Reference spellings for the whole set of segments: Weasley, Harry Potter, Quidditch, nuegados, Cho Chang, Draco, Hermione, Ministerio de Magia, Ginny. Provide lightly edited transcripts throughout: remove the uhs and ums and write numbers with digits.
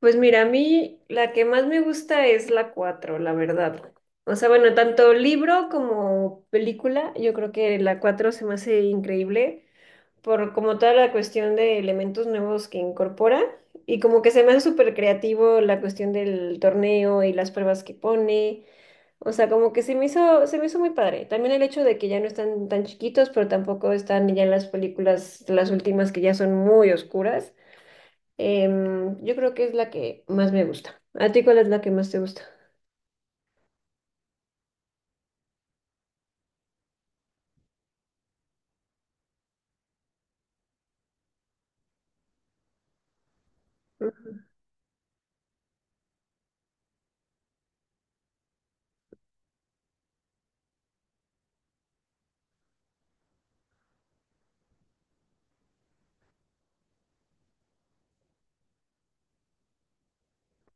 Pues mira, a mí la que más me gusta es la 4, la verdad. O sea, bueno, tanto libro como película, yo creo que la 4 se me hace increíble por como toda la cuestión de elementos nuevos que incorpora y como que se me hace súper creativo la cuestión del torneo y las pruebas que pone. O sea, como que se me hizo muy padre. También el hecho de que ya no están tan chiquitos, pero tampoco están ya en las películas, las últimas que ya son muy oscuras. Yo creo que es la que más me gusta. ¿A ti cuál es la que más te gusta? Ujú,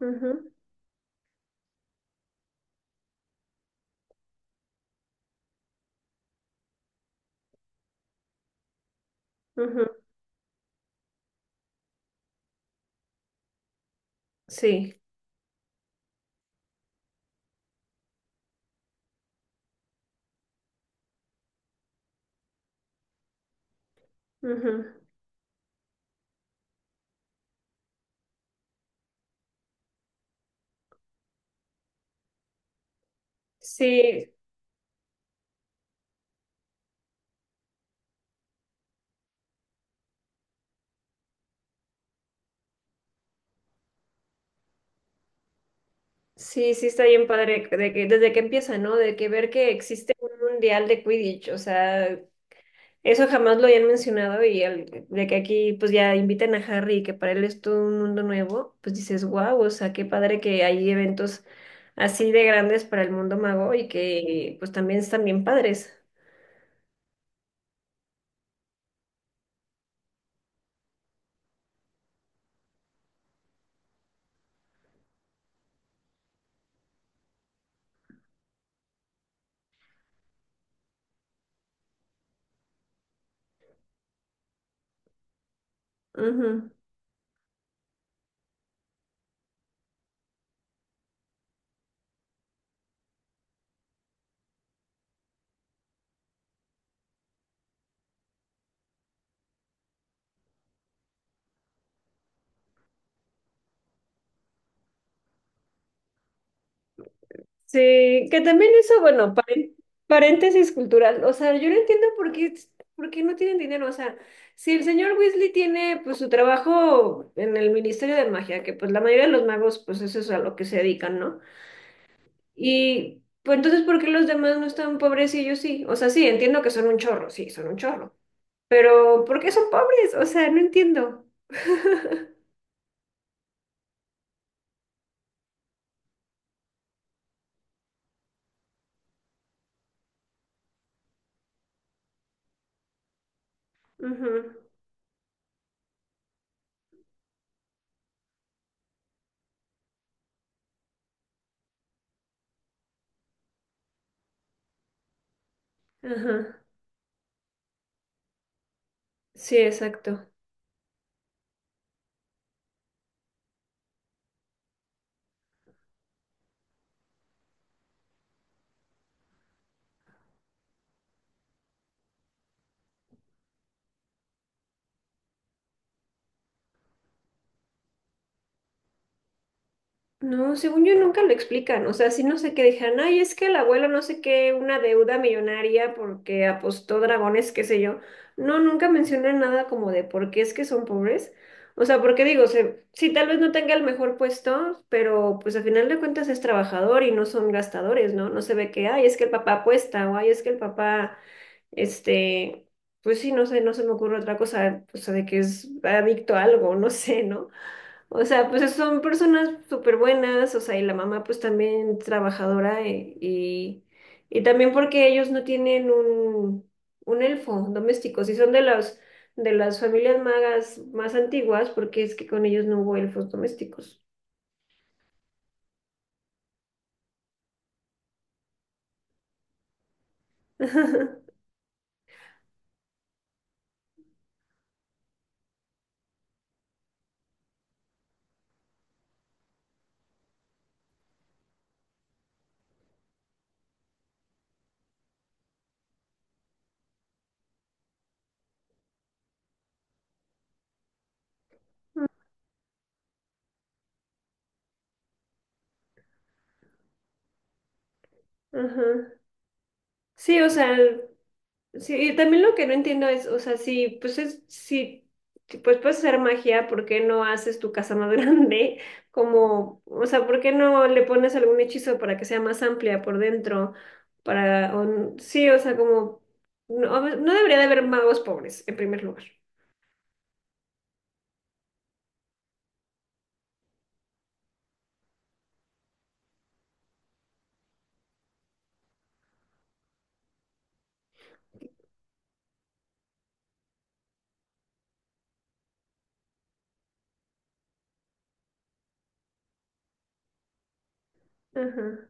ujú, ujú. Sí, ujú. Sí, sí, sí está bien padre de que desde que empieza, ¿no? De que ver que existe un mundial de Quidditch, o sea, eso jamás lo habían mencionado y de que aquí pues ya inviten a Harry y que para él es todo un mundo nuevo, pues dices, wow, o sea, qué padre que hay eventos así de grandes para el mundo mago y que pues también están bien padres. Sí, que también eso, bueno, paréntesis cultural. O sea, yo no entiendo por qué no tienen dinero. O sea, si el señor Weasley tiene pues su trabajo en el Ministerio de Magia, que pues la mayoría de los magos, pues eso es a lo que se dedican, ¿no? Y pues entonces, ¿por qué los demás no están pobres y ellos sí? O sea, sí, entiendo que son un chorro, sí, son un chorro. Pero, ¿por qué son pobres? O sea, no entiendo. Ujú, ajá. Sí, exacto. No, según yo nunca lo explican, o sea, sí no sé qué dejan, ay, es que el abuelo no sé qué, una deuda millonaria porque apostó dragones, qué sé yo. No, nunca mencionan nada como de por qué es que son pobres. O sea, porque digo, sí, tal vez no tenga el mejor puesto, pero pues al final de cuentas es trabajador y no son gastadores, ¿no? No se ve que, ay, es que el papá apuesta o ay, es que el papá, este, pues sí, no sé, no se me ocurre otra cosa, o sea, de que es adicto a algo, no sé, ¿no? O sea, pues son personas súper buenas, o sea, y la mamá pues también trabajadora y también porque ellos no tienen un elfo doméstico, si son de las familias magas más antiguas, porque es que con ellos no hubo elfos domésticos. Ajá. Sí, o sea, sí, y también lo que no entiendo es, o sea, si, pues puedes hacer magia, ¿por qué no haces tu casa más grande? Como, o sea, ¿por qué no le pones algún hechizo para que sea más amplia por dentro? Sí, o sea, como, no debería de haber magos pobres, en primer lugar. Ajá.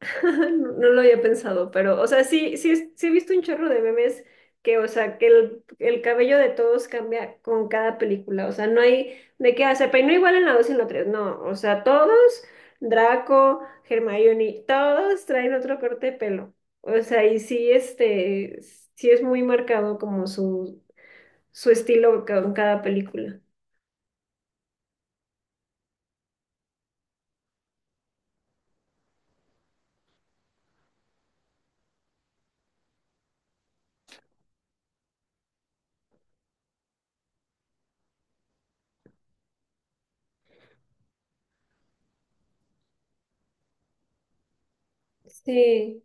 No lo había pensado, pero, o sea, sí, sí, sí he visto un chorro de memes que, o sea, que el cabello de todos cambia con cada película, o sea, no hay de qué hacer, pero no igual en la 2 y en la 3 no, o sea, todos, Draco, Hermione, todos traen otro corte de pelo, o sea, y sí, este, sí es muy marcado como su estilo con cada película. Sí.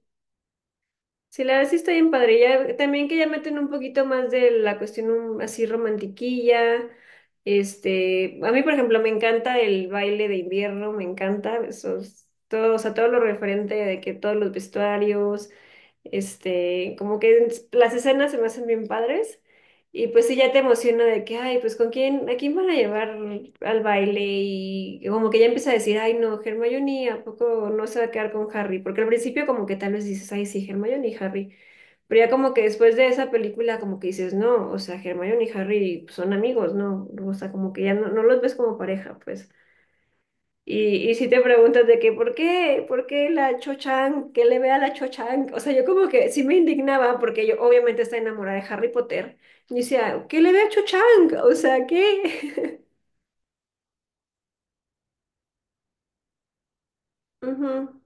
Sí, la verdad sí está bien padre. Ya, también que ya meten un poquito más de la cuestión así romantiquilla. Este, a mí, por ejemplo, me encanta el baile de invierno, me encanta esos, todo, o sea, todo lo referente de que todos los vestuarios, este, como que las escenas se me hacen bien padres. Y pues sí, ya te emociona de que, ay, pues con quién, a quién van a llevar al baile y como que ya empieza a decir, ay, no, Hermione, ¿a poco no se va a quedar con Harry? Porque al principio como que tal vez dices, ay, sí, Hermione y Harry, pero ya como que después de esa película como que dices, no, o sea, Hermione y Harry pues, son amigos, ¿no? O sea, como que ya no los ves como pareja, pues. Y si te preguntas de que, ¿por qué? ¿Por qué la Cho-Chang? ¿Qué le ve a la Cho-Chang? O sea, yo como que sí me indignaba porque yo obviamente está enamorada de Harry Potter. Y decía, ¿qué le ve a Cho-Chang? O sea, ¿qué? Ujú,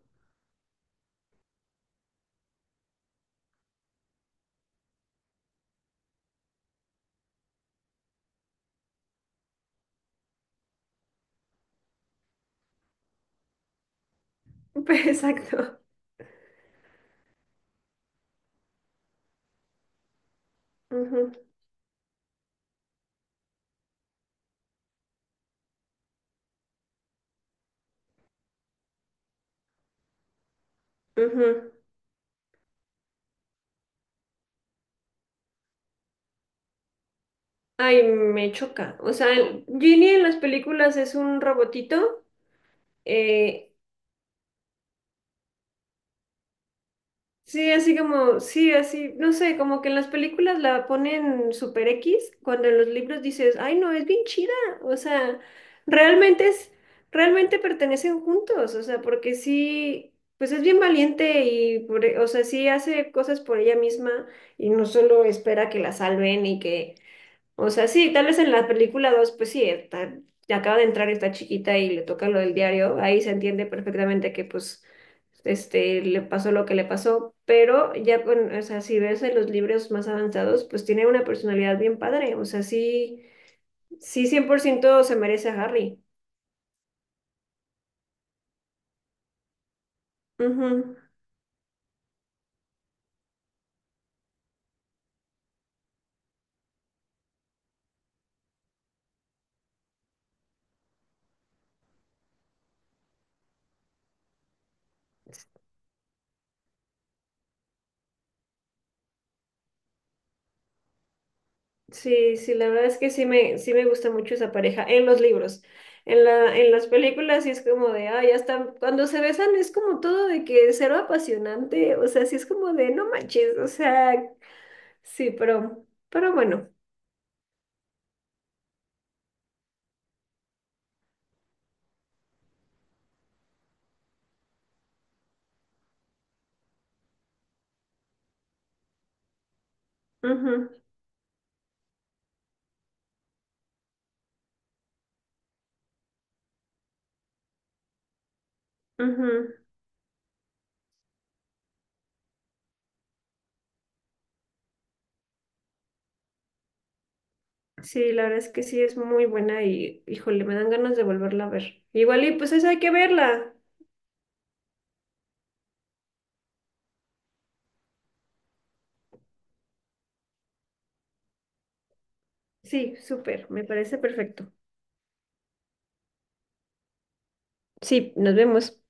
pues, exacto. Ujú, ujú. Ay, me choca. O sea, Ginny en las películas es un robotito. eh, Sí, así como, sí, así, no sé, como que en las películas la ponen super X, cuando en los libros dices, ay, no, es bien chida, o sea, realmente es, realmente pertenecen juntos, o sea, porque sí, pues es bien valiente o sea, sí hace cosas por ella misma y no solo espera que la salven y que o sea, sí, tal vez en la película 2 pues sí, acaba de entrar esta chiquita y le toca lo del diario, ahí se entiende perfectamente que pues este le pasó lo que le pasó, pero o sea, si ves en los libros más avanzados, pues tiene una personalidad bien padre, o sea, sí, sí 100% se merece a Harry. Ujú. Sí, sí, la verdad es que sí me gusta mucho esa pareja en los libros. En las películas sí es como de, ah, ya están, cuando se besan es como todo de que cero apasionante, o sea, sí es como de, no manches, o sea, sí, pero bueno, ujú, ujú. Sí, la verdad es que sí es muy buena y, híjole, me dan ganas de volverla a ver. Igual y pues esa hay que verla. Sí, súper, me parece perfecto. Sí, nos vemos.